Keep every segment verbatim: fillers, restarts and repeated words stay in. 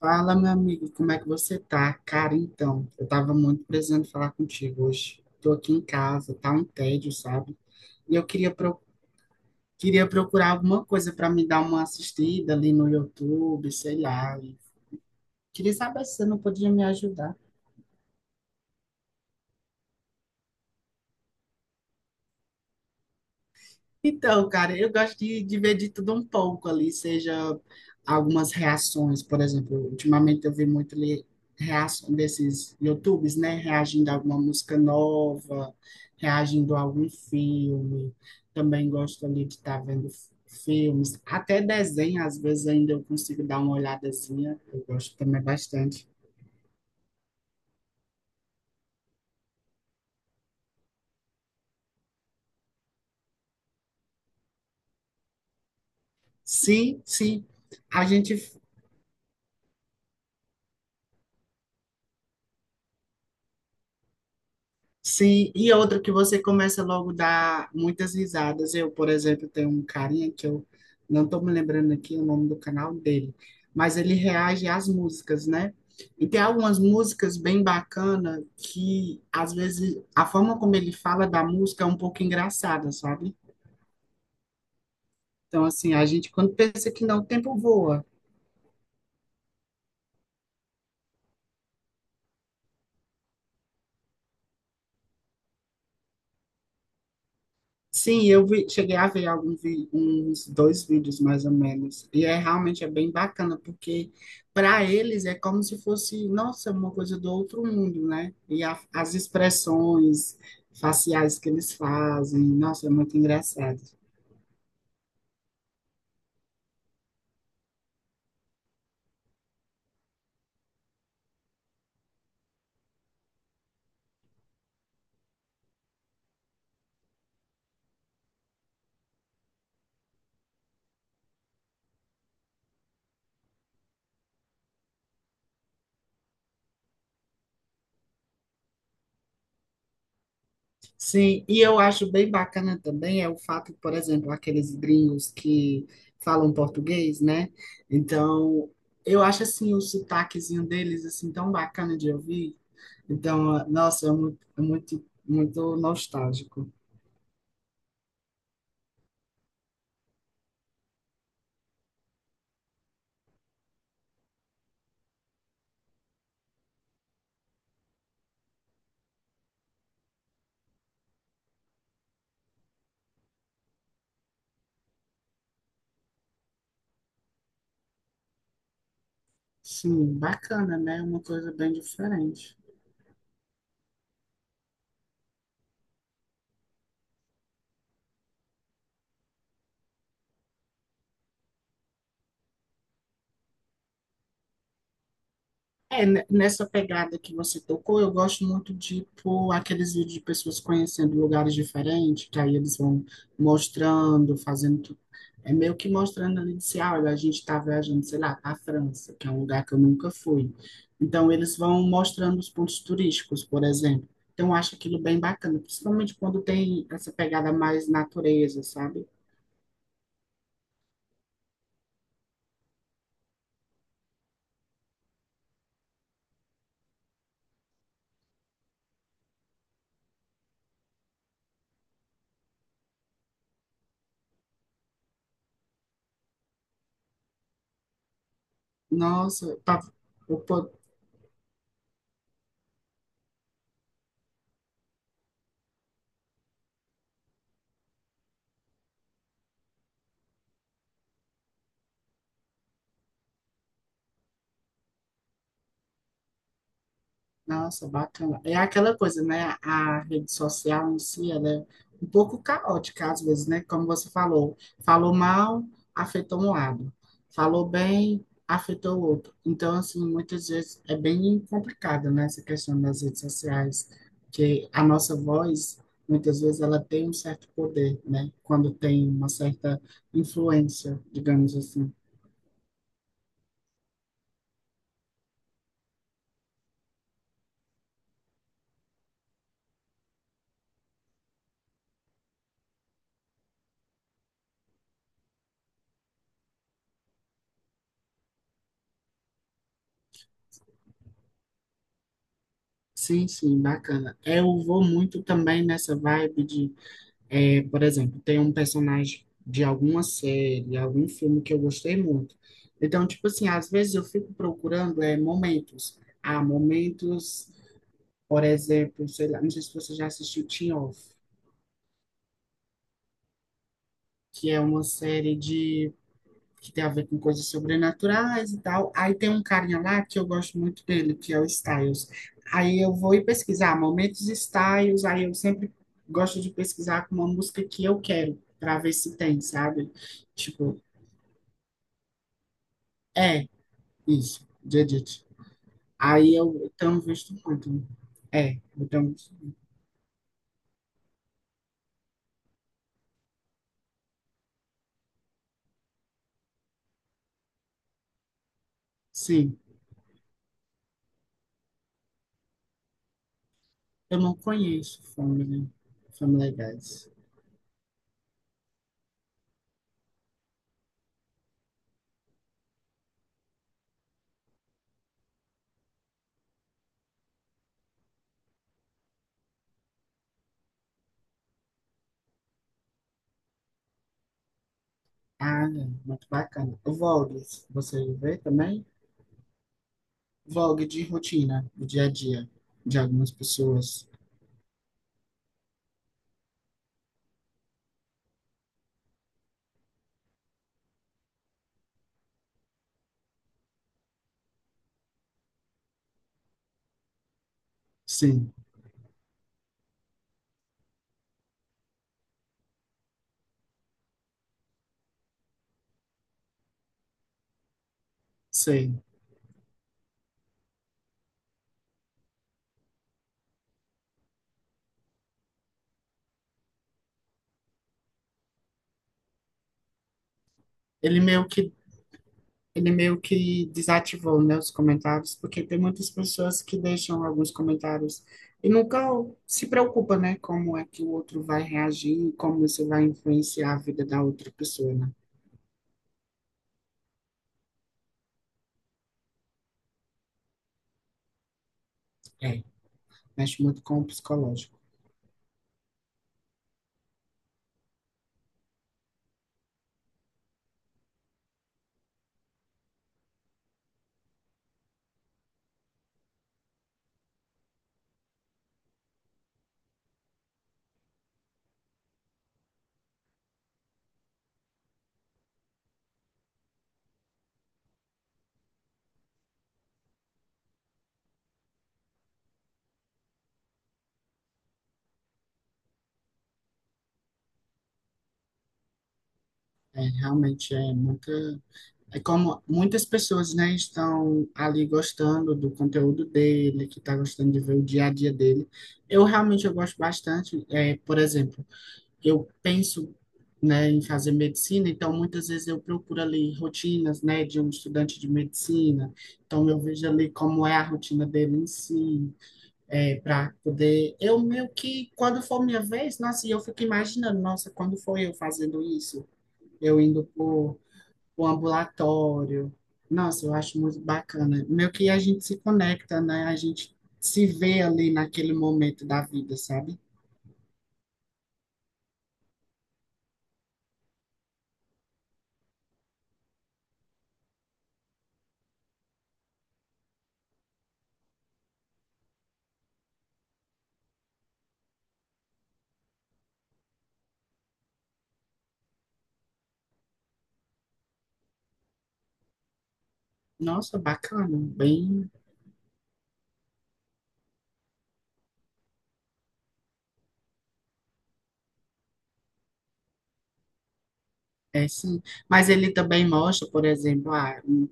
Fala, meu amigo, como é que você tá? Cara, então, eu tava muito precisando falar contigo hoje. Tô aqui em casa, tá um tédio, sabe? E eu queria, pro... queria procurar alguma coisa para me dar uma assistida ali no YouTube, sei lá. E queria saber se você não podia me ajudar. Então, cara, eu gosto de, de ver de tudo um pouco ali, seja algumas reações, por exemplo, ultimamente eu vi muito ali reação desses YouTubes, né, reagindo a alguma música nova, reagindo a algum filme. Também gosto ali de estar vendo f- filmes, até desenho, às vezes ainda eu consigo dar uma olhadazinha, eu gosto também bastante. Sim, sim. A gente sim, e outra que você começa logo a dar muitas risadas. Eu, por exemplo, tenho um carinha que eu não estou me lembrando aqui o nome do canal dele, mas ele reage às músicas, né? E tem algumas músicas bem bacanas que, às vezes, a forma como ele fala da música é um pouco engraçada, sabe? Então, assim, a gente, quando pensa que não, o tempo voa. Sim, eu vi, cheguei a ver algum vi- uns dois vídeos mais ou menos. E é realmente é bem bacana, porque para eles é como se fosse, nossa, uma coisa do outro mundo, né? E a- as expressões faciais que eles fazem, nossa, é muito engraçado. Sim, e eu acho bem bacana também é o fato, por exemplo, aqueles gringos que falam português, né? Então, eu acho assim o sotaquezinho deles assim tão bacana de ouvir. Então, nossa, é muito, é muito, muito nostálgico. Sim, bacana, né? Uma coisa bem diferente. É, n- nessa pegada que você tocou, eu gosto muito de pôr aqueles vídeos de pessoas conhecendo lugares diferentes, que aí eles vão mostrando, fazendo. tu- É meio que mostrando ali, disse, ah, olha, a gente está viajando, sei lá, para a França, que é um lugar que eu nunca fui. Então, eles vão mostrando os pontos turísticos, por exemplo. Então, eu acho aquilo bem bacana, principalmente quando tem essa pegada mais natureza, sabe? Nossa, eu tava- eu Nossa, bacana. É aquela coisa, né? A rede social em si, ela é um pouco caótica às vezes, né? Como você falou, falou mal, afetou um lado. Falou bem, afetou o outro. Então, assim, muitas vezes é bem complicado, né? Essa questão das redes sociais, que a nossa voz, muitas vezes, ela tem um certo poder, né? Quando tem uma certa influência, digamos assim. Sim, sim, bacana. É, eu vou muito também nessa vibe de é, por exemplo, tem um personagem de alguma série, algum filme que eu gostei muito. Então, tipo assim, às vezes eu fico procurando é, momentos. Ah, momentos, por exemplo, sei lá, não sei se você já assistiu Teen Off, que é uma série de que tem a ver com coisas sobrenaturais e tal. Aí tem um carinha lá que eu gosto muito dele, que é o Styles. Aí eu vou e pesquisar momentos Styles, aí eu sempre gosto de pesquisar com uma música que eu quero, para ver se tem, sabe? Tipo, é, isso, de Edith. Aí eu, eu tenho visto muito. Né? É, eu tenho visto. Sim, eu não conheço Family, Family Guys. Ah, é, muito bacana. O Vlogs, você vê também? Vlog de rotina, do dia a dia, de algumas pessoas. Sim, sei. Ele meio que Ele meio que desativou, né, os comentários, porque tem muitas pessoas que deixam alguns comentários e nunca se preocupa, né, como é que o outro vai reagir, como isso vai influenciar a vida da outra pessoa, né? É, mexe muito com o psicológico. É, realmente é muita é como muitas pessoas, né, estão ali gostando do conteúdo dele, que está gostando de ver o dia a dia dele. Eu realmente eu gosto bastante, é, por exemplo, eu penso, né, em fazer medicina, então muitas vezes eu procuro ali rotinas, né, de um estudante de medicina. Então eu vejo ali como é a rotina dele em si, é, para poder. Eu meio que, quando for minha vez, nossa, e eu fico imaginando, nossa, quando foi eu fazendo isso? Eu indo pro, pro ambulatório. Nossa, eu acho muito bacana. Meio que a gente se conecta, né? A gente se vê ali naquele momento da vida, sabe? Nossa, bacana, bem é, sim. Mas ele também mostra, por exemplo, ah, um-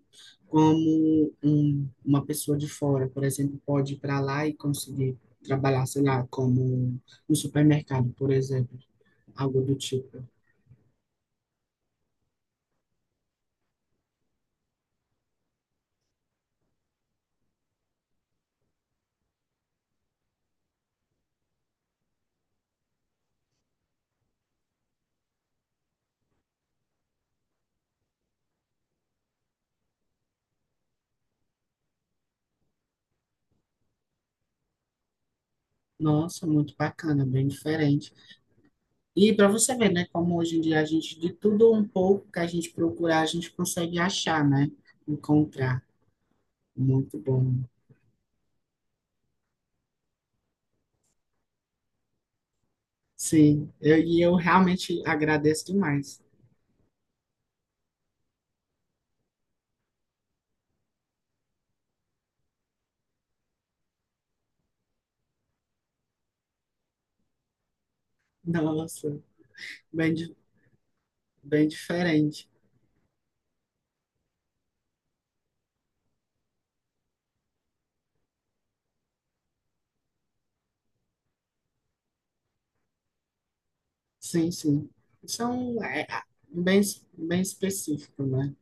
como um- uma pessoa de fora, por exemplo, pode ir para lá e conseguir trabalhar, sei lá, como no supermercado, por exemplo, algo do tipo. Nossa, muito bacana, bem diferente. E para você ver, né, como hoje em dia a gente, de tudo um pouco que a gente procurar, a gente consegue achar, né? Encontrar. Muito bom. Sim, eu, e eu realmente agradeço demais. Nossa, bem, di- bem diferente. Sim, sim. São é, a- bem, bem específico, né?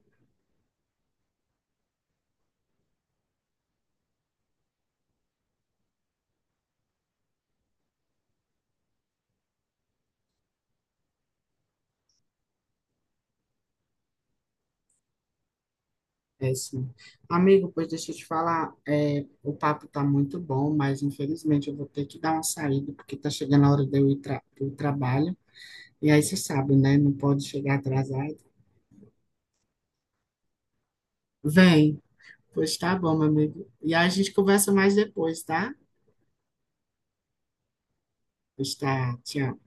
É sim. Amigo, pois deixa eu te falar, é, o papo tá muito bom, mas infelizmente eu vou ter que dar uma saída, porque tá chegando a hora de eu ir para o trabalho. E aí você sabe, né? Não pode chegar atrasado. Vem, pois tá bom, meu amigo. E aí a gente conversa mais depois, tá? Pois tá, tchau.